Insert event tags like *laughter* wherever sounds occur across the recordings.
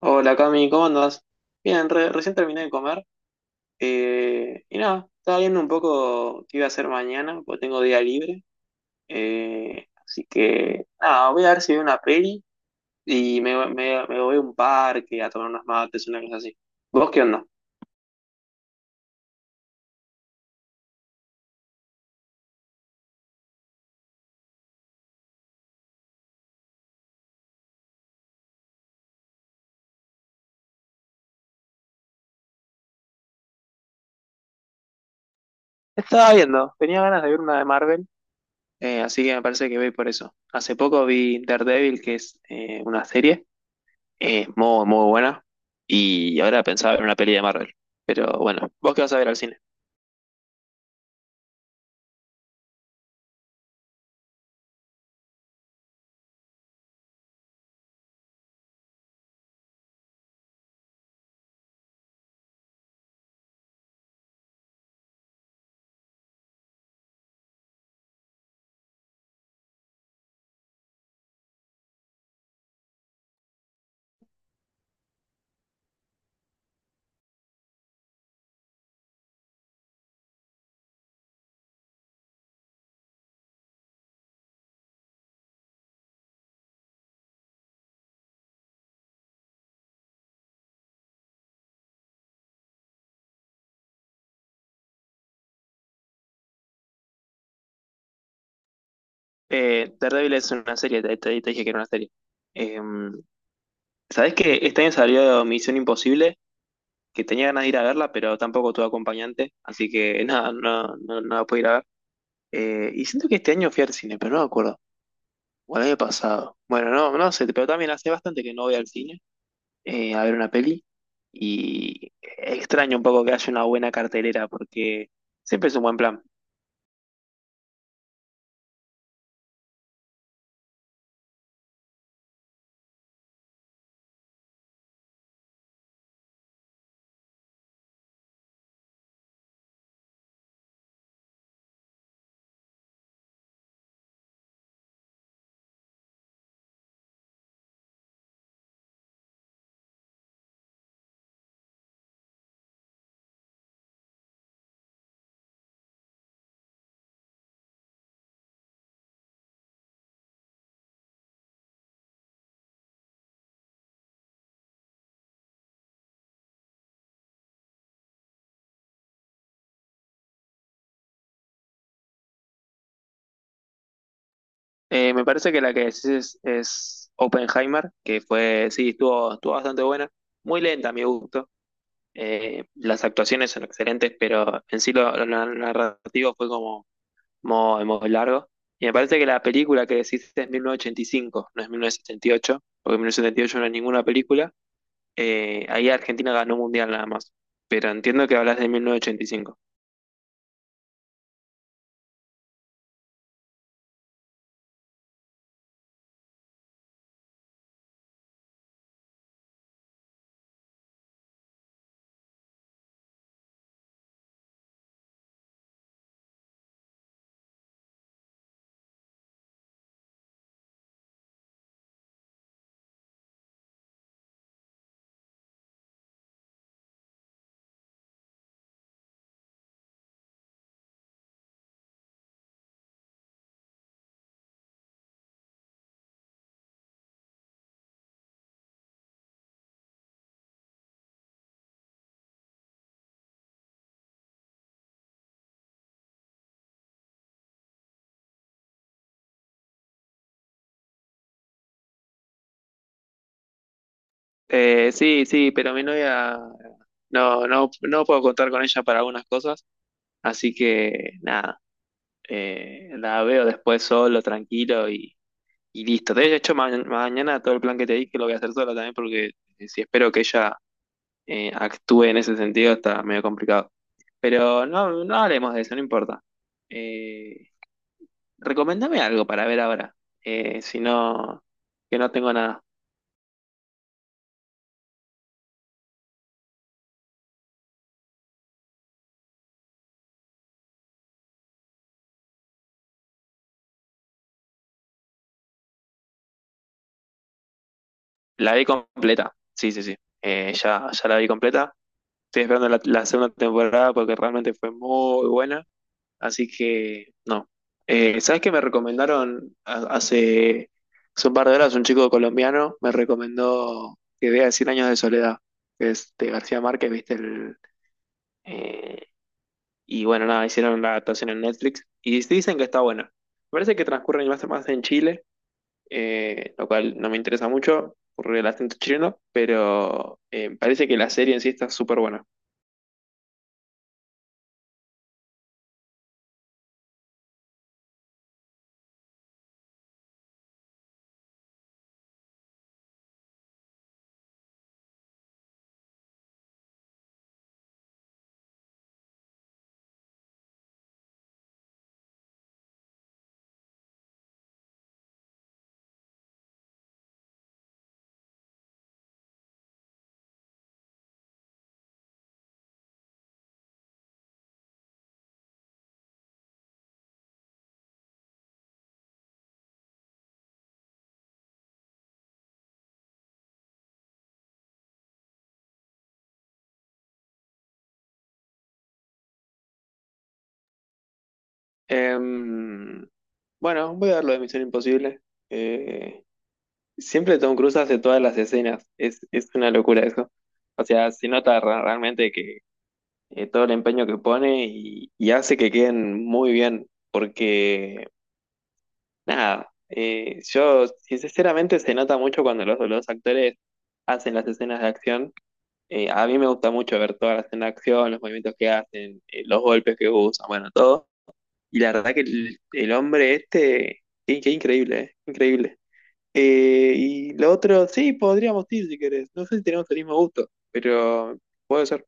Hola Cami, ¿cómo andas? Bien, recién terminé de comer. Y nada, estaba viendo un poco qué iba a hacer mañana, porque tengo día libre. Así que nada, voy a ver si veo una peli y me voy a un parque a tomar unas mates, una cosa así. ¿Vos qué onda? Estaba viendo, tenía ganas de ver una de Marvel, así que me parece que voy por eso. Hace poco vi Daredevil, que es una serie, muy, muy buena, y ahora pensaba ver una peli de Marvel. Pero bueno, ¿vos qué vas a ver al cine? Daredevil es una serie, te dije que era una serie. Eh, ¿Sabés que este año salió Misión Imposible? Que tenía ganas de ir a verla, pero tampoco tuve acompañante, así que *laughs* nada, no, no, no la pude ir a ver. Y siento que este año fui al cine, pero no me acuerdo. O el año pasado. Bueno, no, no sé, pero también hace bastante que no voy al cine, a ver una peli. Y extraño un poco que haya una buena cartelera, porque siempre es un buen plan. Me parece que la que decís es Oppenheimer, que fue, sí, estuvo, estuvo bastante buena, muy lenta a mi gusto. Las actuaciones son excelentes, pero en sí narrativo fue como muy, muy largo. Y me parece que la película que decís es mil novecientos ochenta y cinco, no es mil novecientos setenta y ocho, porque 1978 no es ninguna película. Ahí Argentina ganó mundial nada más, pero entiendo que hablas de 1985. Sí, sí, pero mi novia no, no, no puedo contar con ella para algunas cosas. Así que nada, la veo después solo, tranquilo y listo. De hecho, mañana todo el plan que te dije lo voy a hacer solo también, porque si espero que ella actúe en ese sentido, está medio complicado. Pero no, no hablemos de eso, no importa. Eh, recomendame algo para ver ahora. Si no, que no tengo nada. La vi completa. Sí, sí, sí. Ya, ya la vi completa. Estoy esperando la segunda temporada porque realmente fue muy buena. Así que no. ¿Sabes qué me recomendaron hace un par de horas? Un chico colombiano me recomendó que vea Cien Años de Soledad, que es de García Márquez, ¿viste? El, eh, y bueno, nada, hicieron la adaptación en Netflix y sí, dicen que está buena. Me parece que transcurre más en Chile, lo cual no me interesa mucho por el acento chileno, pero parece que la serie en sí está súper buena. Em, bueno, voy a ver lo de Misión Imposible. Eh, Siempre Tom Cruise hace todas las escenas, es una locura eso. O sea, se nota realmente que todo el empeño que pone, y hace que queden muy bien, porque nada, yo sinceramente, se nota mucho cuando los actores hacen las escenas de acción. A mí me gusta mucho ver todas las escenas de acción, los movimientos que hacen, los golpes que usan, bueno, todo. Y la verdad que el hombre este, qué increíble, increíble. Y lo otro, sí, podríamos ir si querés. No sé si tenemos el mismo gusto, pero puede ser.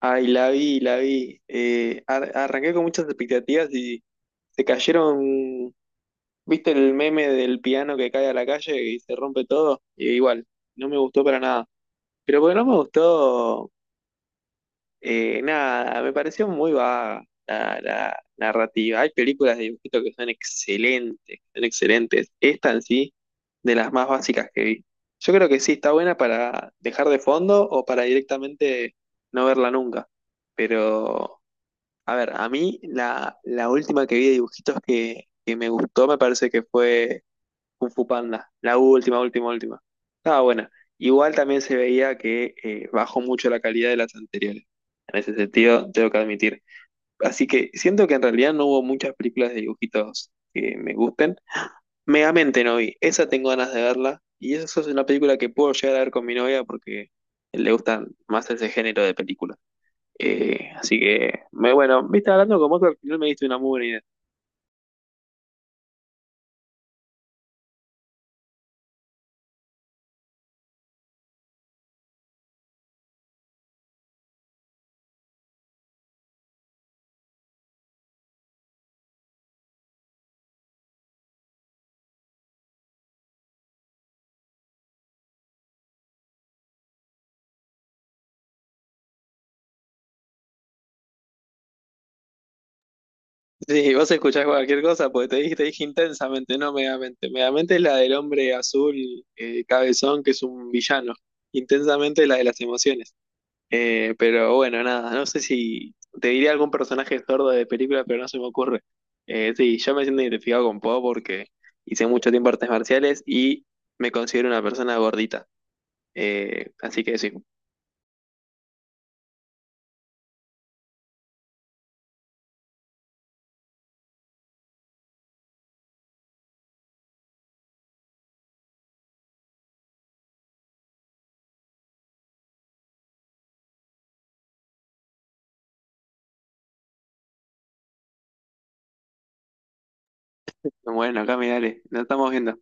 Ay, la vi, la vi. Arranqué con muchas expectativas y se cayeron. ¿Viste el meme del piano que cae a la calle y se rompe todo? Y igual, no me gustó para nada. Pero porque no me gustó. Nada, me pareció muy vaga la narrativa. Hay películas de dibujito que son excelentes, que son excelentes. Esta en sí, de las más básicas que vi. Yo creo que sí, está buena para dejar de fondo o para directamente no verla nunca. Pero, a ver, a mí la última que vi de dibujitos que me gustó, me parece que fue Kung Fu Panda, la última, última, última. Estaba buena. Igual también se veía que bajó mucho la calidad de las anteriores. En ese sentido, tengo que admitir. Así que siento que en realidad no hubo muchas películas de dibujitos que me gusten. Megamente no vi. Esa tengo ganas de verla. Y esa es una película que puedo llegar a ver con mi novia, porque le gustan más ese género de películas. Así que, me, bueno, viste, hablando con vos, al final me diste una buena idea. Sí, vos escuchás cualquier cosa, porque te dije Intensamente, no Megamente. Megamente es la del hombre azul, cabezón, que es un villano. Intensamente es la de las emociones. Pero bueno, nada, no sé si te diría algún personaje sordo de película, pero no se me ocurre. Sí, yo me siento identificado con Po porque hice mucho tiempo artes marciales y me considero una persona gordita. Así que sí. Bueno, acá me dale, nos estamos viendo.